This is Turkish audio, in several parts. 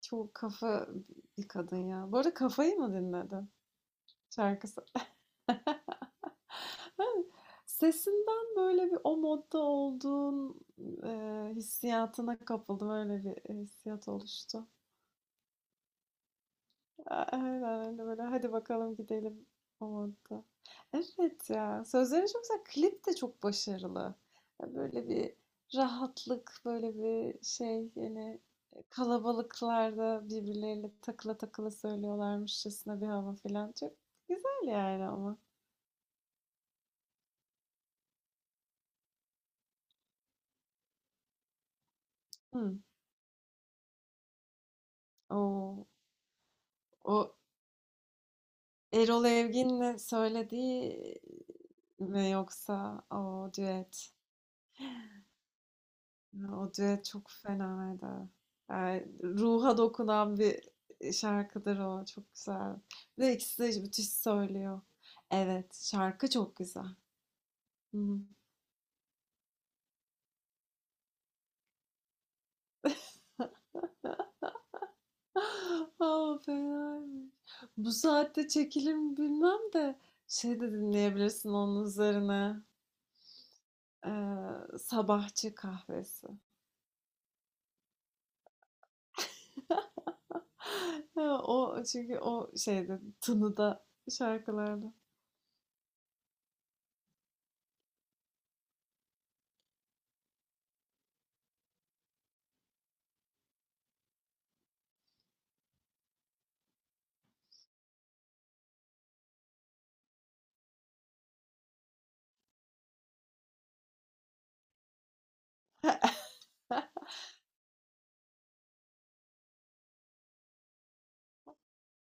Çok kafa bir kadın ya. Bu arada Kafa'yı mı dinledin şarkısı? Ha, Sesinden böyle bir o modda olduğun e, hissiyatına kapıldım. Öyle bir hissiyat oluştu. Aynen öyle, böyle hadi bakalım gidelim o modda. Evet ya, sözleri çok güzel. Klip de çok başarılı. Ya, böyle bir rahatlık, böyle bir şey yani, kalabalıklarda birbirleriyle takıla takıla söylüyorlarmışçasına bir hava falan. Çok güzel yani ama. Hı. O, o Erol Evgin'le söylediği mi yoksa o düet? Ya, o düet çok fenaydı. Yani ruha dokunan bir şarkıdır o. Çok güzel. Bir de ikisi de müthiş söylüyor. Evet, şarkı çok güzel. Hı hı. Aa, fenaymış. Bu saatte çekilir mi bilmem de, şey de dinleyebilirsin onun üzerine. Sabahçı kahvesi. Ha, o çünkü o şeyde, tınıda şarkılarda.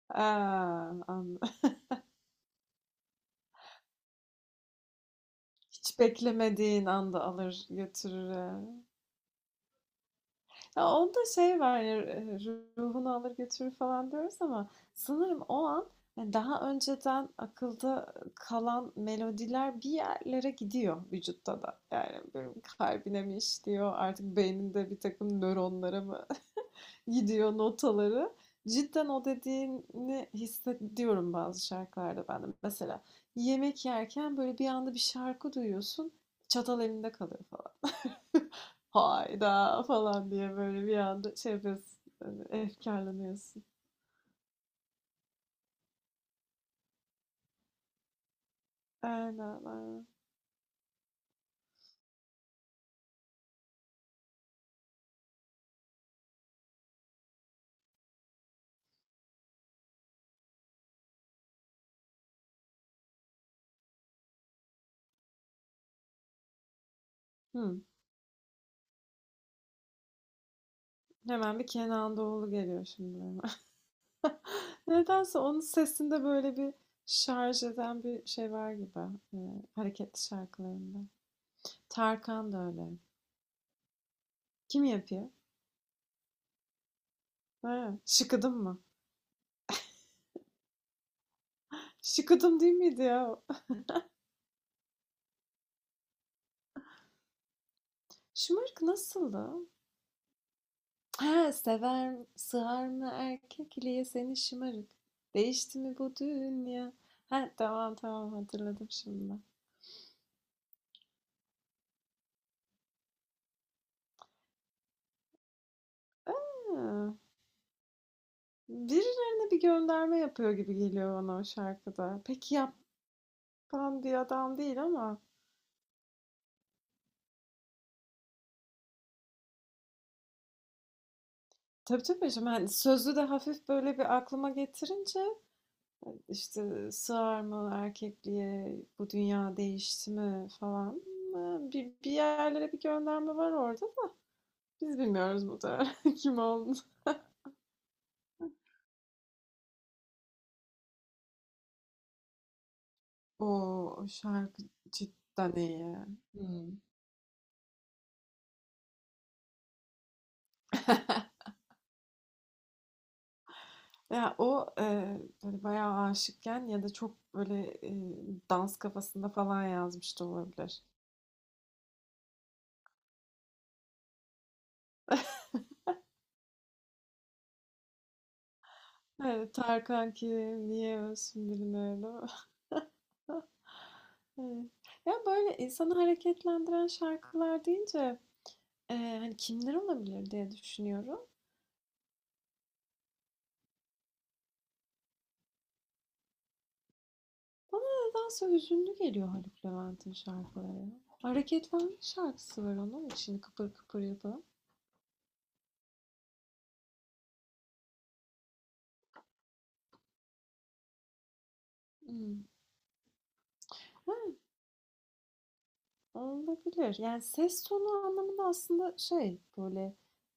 Aa, anladım. Hiç beklemediğin anda alır götürür, e. Ya, onda şey var, ruhunu alır götürür falan diyoruz ama sanırım o an, hani, daha önceden akılda kalan melodiler bir yerlere gidiyor vücutta da. Yani, benim kalbine mi işliyor, artık beyninde bir takım nöronlara mı gidiyor notaları. Cidden o dediğini hissediyorum bazı şarkılarda ben de. Mesela yemek yerken, böyle, bir anda bir şarkı duyuyorsun, çatal elinde kalıyor falan. Hayda falan diye böyle bir anda şey yapıyorsun. Hani efkarlanıyorsun. Aynen aynen. Hı. Hemen bir Kenan Doğulu geliyor şimdi benim. Nedense onun sesinde böyle bir şarj eden bir şey var gibi, e, hareketli şarkılarında. Tarkan da öyle. Kim yapıyor? Ha, şıkıdım mı? Şıkıdım değil miydi ya? Şımarık nasıldı? Ha, sever, sığar mı erkek iliğe seni şımarık? Değişti mi bu dünya? Ha, tamam tamam, hatırladım şimdi. Ha, birilerine bir gönderme yapıyor gibi geliyor bana o şarkıda. Peki, yapan bir adam değil ama. Tabii tabii, şimdi hani sözü de hafif böyle bir aklıma getirince, işte sığar mı erkekliğe, bu dünya değişti mi falan. Ha, Bir yerlere bir gönderme var orada. Biz bilmiyoruz bu da kim olduğunu. O, o şarkı cidden iyi. Hımm. Ya, o, böyle bayağı aşıkken ya da çok böyle, dans kafasında falan yazmış da olabilir. Evet, Tarkan kim, niye ölsün birini değil. Evet. Ya, böyle insanı hareketlendiren şarkılar deyince, hani, kimler olabilir diye düşünüyorum. Bana nedense hüzünlü geliyor Haluk Levent'in şarkıları. Hareketlenme şarkısı var onun, için kıpır kıpır yapan. Imm. Olabilir. Yani ses tonu anlamında aslında şey, böyle,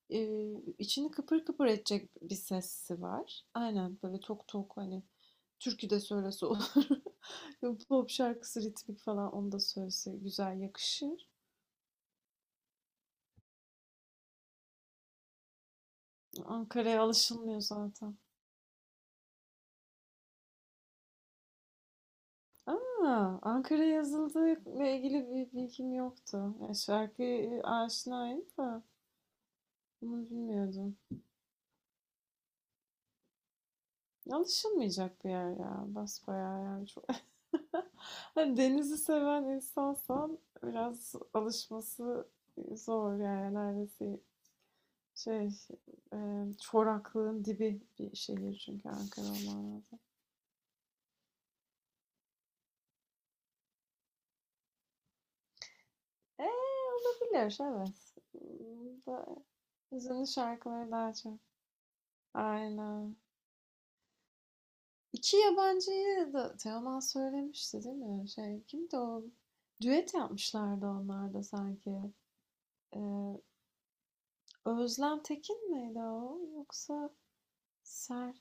içini kıpır kıpır edecek bir sesi var. Aynen, böyle tok tok, hani, türkü de söylese olur. Pop şarkısı ritmik falan, onu da söylese güzel yakışır. Ankara'ya alışılmıyor zaten. Ha, Ankara'ya yazıldığıyla ilgili bir bilgim yoktu. Ya şarkıya aşinayım da bunu bilmiyordum. Alışılmayacak bir yer ya, basbayağı yani çok. Hani denizi seven insansan biraz alışması zor yani, neredeyse şey, e, çoraklığın dibi bir şehir çünkü Ankara, olman lazım. Eee, olabilir evet. Hmm, da, hüzünlü şarkıları daha çok. Aynen. İki yabancıyı da Teoman söylemişti değil mi? Şey kimdi o? Düet yapmışlardı onlar da sanki. Ee, Özlem Tekin miydi o? Yoksa Ser-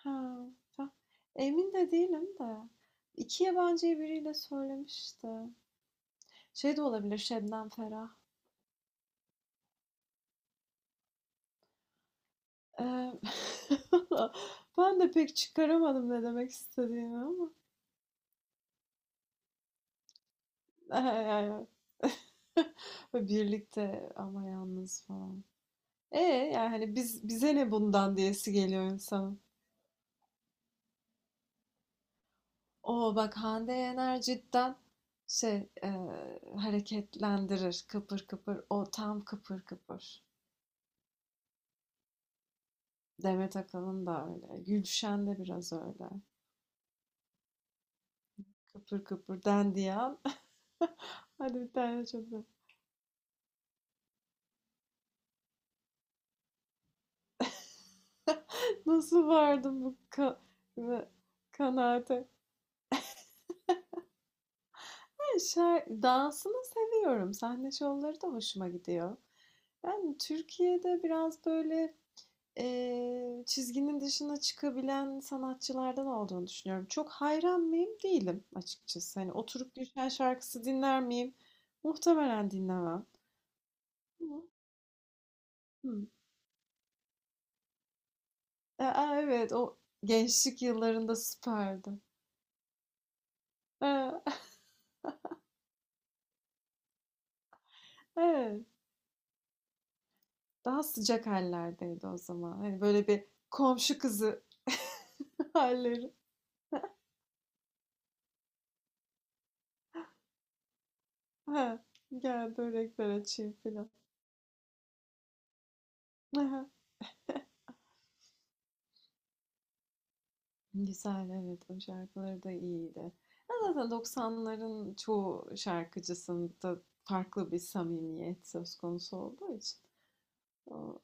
ha, ta emin de değilim de, 2 yabancıyı biriyle söylemişti. Şey de olabilir, Şebnem Ferah. Eee, ben de pek çıkaramadım ne demek istediğini ama. Yani birlikte ama yalnız falan. E, yani hani biz bize ne bundan diyesi geliyor insanın. O bak, Hande Yener cidden şey, hareketlendirir kıpır kıpır, o tam kıpır kıpır. Demet Akalın da öyle. Gülşen de biraz öyle. Kıpır kıpır dendiyan. Hadi bir tane çözüm. Nasıl vardım bu kanaate? Ben şarkı dansını seviyorum. Sahne şovları da hoşuma gidiyor. Ben Türkiye'de biraz böyle, çizginin dışına çıkabilen sanatçılardan olduğunu düşünüyorum. Çok hayran mıyım? Değilim açıkçası. Hani oturup Gülşen şarkısı dinler miyim? Muhtemelen dinlemem. Hı. E, evet, o gençlik yıllarında süperdi. Eee, evet. Daha sıcak hallerdeydi o zaman. Hani, böyle, bir komşu kızı halleri. He, gel börekler açayım filan. Hı. Güzel, evet, o şarkıları da iyiydi. Ya, zaten 90'ların çoğu şarkıcısında farklı bir samimiyet söz konusu olduğu için. O,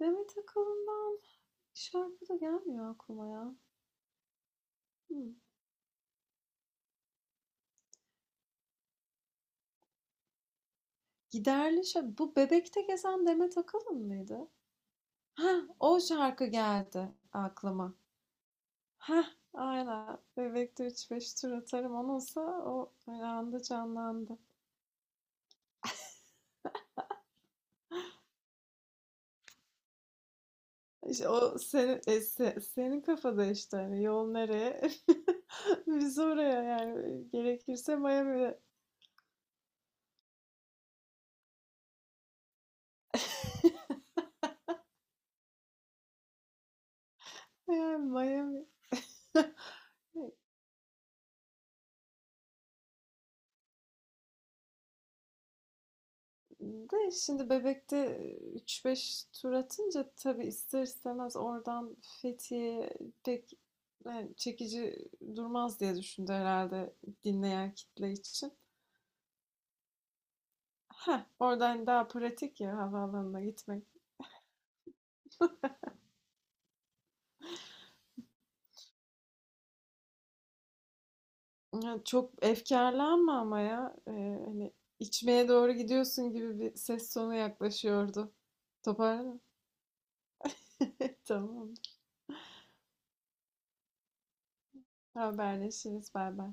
Demet Akalın'dan şarkı da gelmiyor aklıma ya. Hıı. Giderli şa- bu Bebek'te gezen Demet Akalın mıydı? Ha, o şarkı geldi aklıma. Ha, aynen. Bebek'te üç beş tur atarım. Onunsa o öyle anda canlandı. İşte o senin, e, senin kafada, işte hani yol nereye? Biz oraya, yani e, gerekirse Miami'de. Yani Miami. De şimdi Bebek'te üç beş tur atınca tabii ister istemez oradan Fethiye'ye pek yani çekici durmaz diye düşündü herhalde, dinleyen kitle için. Heh, oradan daha pratik ya havaalanına gitmek. Ya çok efkarlanma ama ya. Hani içmeye doğru gidiyorsun gibi bir ses tonu yaklaşıyordu. Toparladın mı? Tamam. Haberleşiriz. Bay bay.